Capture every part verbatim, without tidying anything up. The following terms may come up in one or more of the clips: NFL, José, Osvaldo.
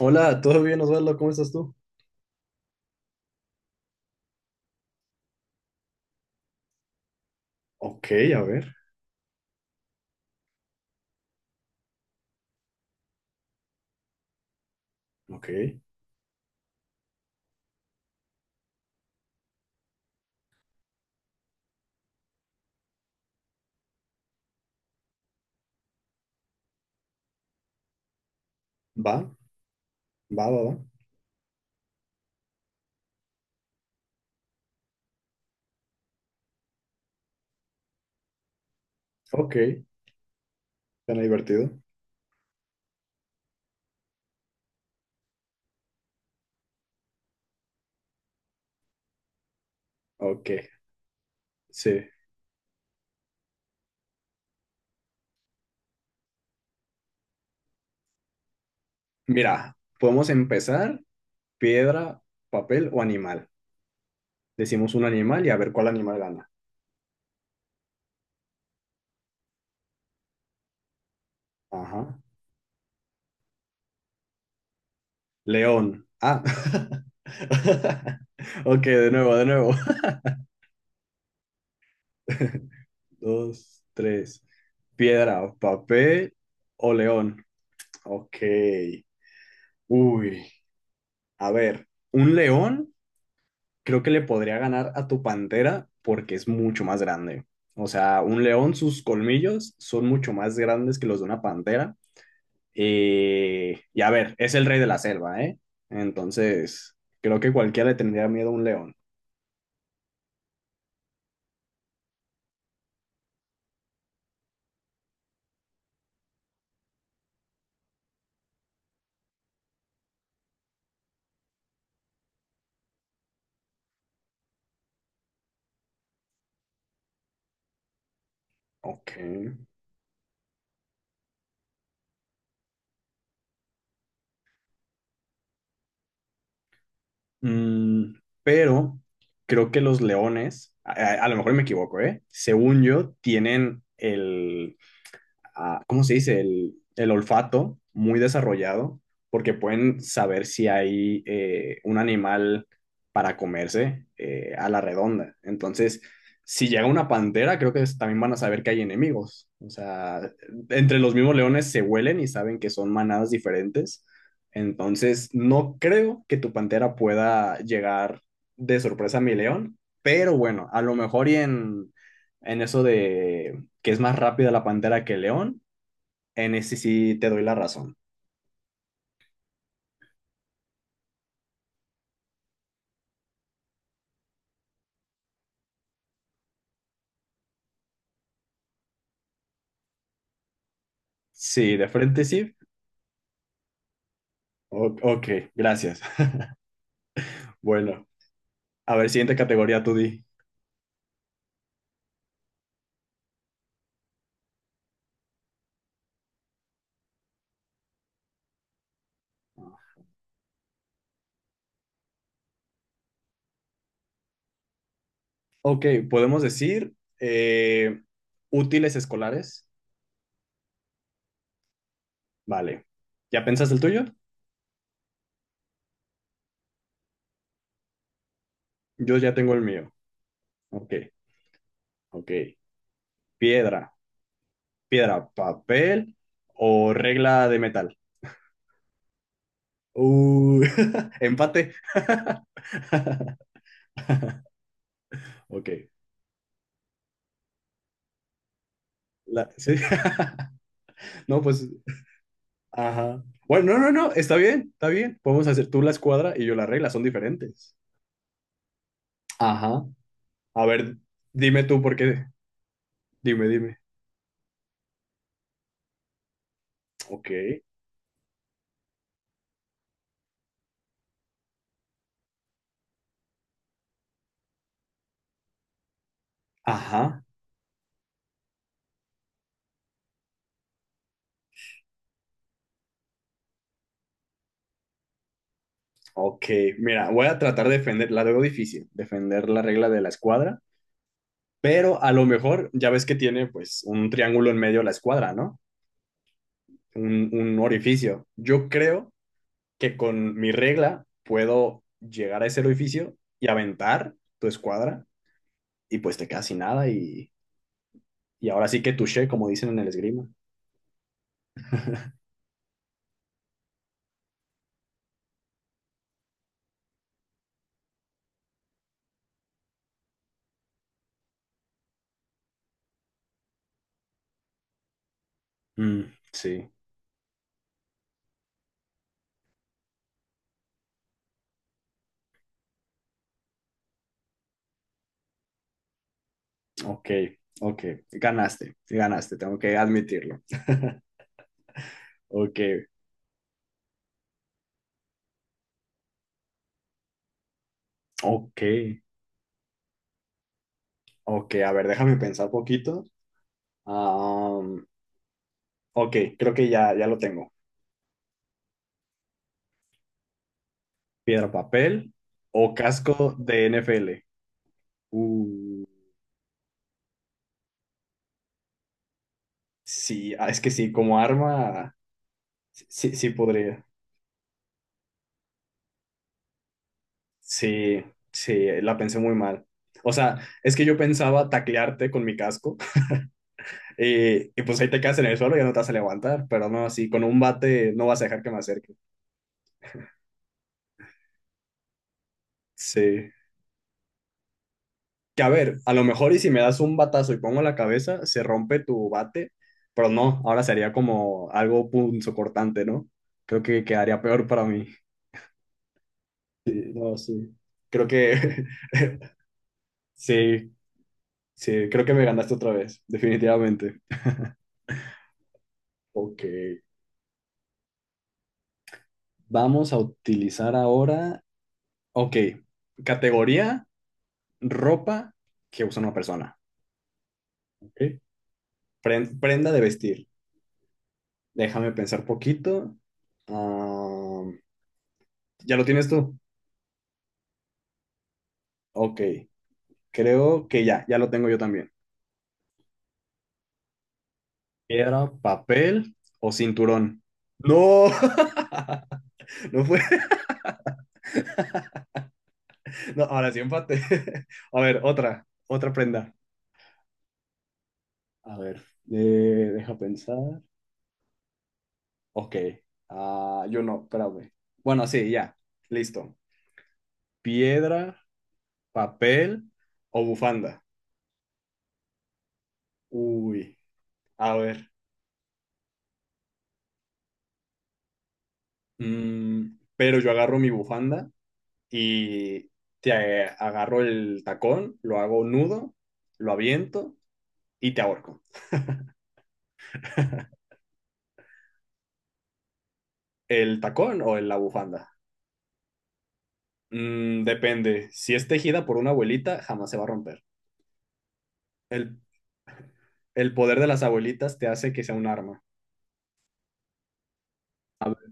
Hola, ¿todo bien, Osvaldo? ¿Cómo estás tú? Ok, a ver, ok. Va, va, va, va. Ok, suena divertido. Ok, sí. Mira, podemos empezar piedra, papel o animal. Decimos un animal y a ver cuál animal gana. Ajá. León. Ah. Ok, de nuevo, de nuevo. Dos, tres. Piedra, papel o león. Ok. Uy, a ver, un león. Creo que le podría ganar a tu pantera porque es mucho más grande. O sea, un león, sus colmillos son mucho más grandes que los de una pantera. Eh, y a ver, es el rey de la selva, ¿eh? Entonces, creo que cualquiera le tendría miedo a un león. Ok. Mm, pero creo que los leones, a, a- a lo mejor me equivoco, ¿eh? Según yo, tienen el, ah, ¿cómo se dice? El, el olfato muy desarrollado, porque pueden saber si hay eh, un animal para comerse eh, a la redonda. Entonces, si llega una pantera, creo que es- también van a saber que hay enemigos. O sea, entre los mismos leones se huelen y saben que son manadas diferentes. Entonces, no creo que tu pantera pueda llegar de sorpresa a mi león, pero bueno, a lo mejor y en, en eso de que es más rápida la pantera que el león, en ese sí te doy la razón. Sí, de frente sí. O- ok, gracias. Bueno, a ver, siguiente categoría, tú di. Ok, podemos decir eh, útiles escolares. Vale. ¿Ya pensaste el tuyo? Yo ya tengo el mío. Ok, ok. Piedra, piedra, papel o regla de metal. Uh, empate. Ok. La- sí. No, pues ajá. Bueno, no, no, no, está bien, está bien. Podemos hacer tú la escuadra y yo la regla, son diferentes. Ajá, a ver, dime tú por qué. Dime, dime. Ok. Ajá. Ok. Mira, voy a tratar de defender, la veo difícil, defender la regla de la escuadra, pero a lo mejor ya ves que tiene pues un triángulo en medio de la escuadra, ¿no? Un, un orificio. Yo creo que con mi regla puedo llegar a ese orificio y aventar tu escuadra y pues te quedas sin nada y y ahora sí que touché, como dicen en el esgrima. Mm, sí, ok, ok. Ganaste, ganaste, tengo que admitirlo. Ok, ok, ok. A ver, déjame pensar poquito. Am, ok, creo que ya, ya lo tengo. Piedra, papel o casco de N F L. Uh, sí, ah, es que sí, como arma, sí, sí sí podría. Sí, sí, la pensé muy mal. O sea, es que yo pensaba taclearte con mi casco. Y, y pues ahí te quedas en el suelo y ya no te vas a levantar, pero no, así con un bate no vas a dejar que me acerque. Sí. Que a ver, a lo mejor y si me das un batazo y pongo la cabeza, se rompe tu bate, pero no, ahora sería como algo punzocortante, ¿no? Creo que quedaría peor para mí. Sí, no, sí. Creo que sí, sí, creo que me ganaste otra vez, definitivamente. Ok, vamos a utilizar ahora, ok, categoría ropa que usa una persona. Ok. Pren- prenda de vestir. Déjame pensar poquito. Ah, ¿ya lo tienes tú? Ok, creo que ya, ya lo tengo yo también. Piedra, papel o cinturón. No, no fue. No, ahora sí empate. A ver, otra, otra prenda. A ver, eh, deja pensar. Ok, ah, yo no, espérame. Bueno, sí, ya, listo. Piedra, papel o bufanda. Uy, a ver. Mm, pero yo agarro mi bufanda y te agarro el tacón, lo hago nudo, lo aviento y te ahorco. ¿El tacón o la bufanda? Mm, depende. Si es tejida por una abuelita, jamás se va a romper. El, el poder de las abuelitas te hace que sea un arma. A ver,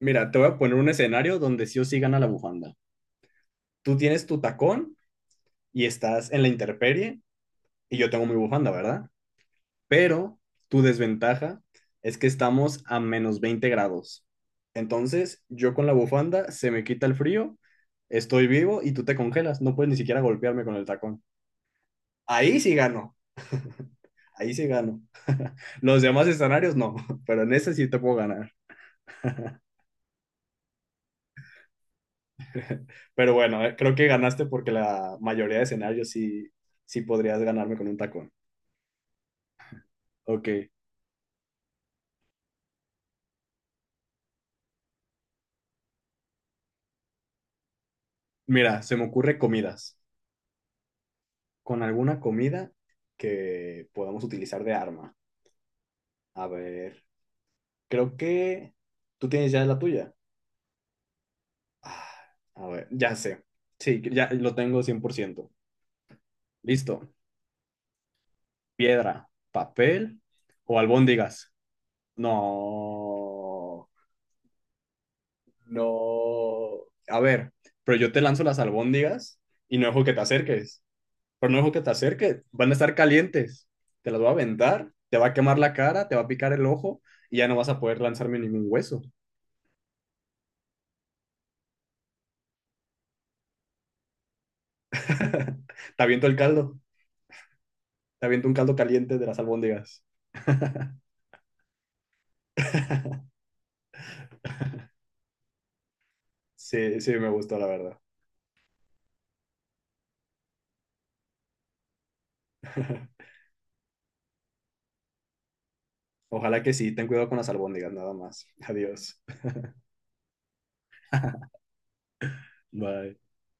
mira, te voy a poner un escenario donde sí o sí gana la bufanda. Tú tienes tu tacón y estás en la intemperie y yo tengo mi bufanda, ¿verdad? Pero tu desventaja es que estamos a menos veinte grados. Entonces, yo con la bufanda se me quita el frío, estoy vivo y tú te congelas. No puedes ni siquiera golpearme con el tacón. Ahí sí gano, ahí sí gano. Los demás escenarios no, pero en ese sí te puedo ganar. Pero bueno, eh, creo que ganaste porque la mayoría de escenarios sí, sí podrías ganarme con un tacón. Ok, mira, se me ocurre comidas. Con alguna comida que podamos utilizar de arma. A ver, creo que tú tienes ya la tuya. Ah, a ver, ya sé. Sí, ya lo tengo cien por ciento. Listo. Piedra, papel o albóndigas. No, no. A ver, pero yo te lanzo las albóndigas y no dejo que te acerques. Pero no dejo que te acerques. Van a estar calientes. Te las voy a aventar, te va a quemar la cara, te va a picar el ojo y ya no vas a poder lanzarme ningún hueso. Te aviento el caldo. Te aviento un caldo caliente de las albóndigas. Sí, sí, me gustó, la verdad. Ojalá que sí, ten cuidado con las albóndigas, nada más. Adiós. Bye.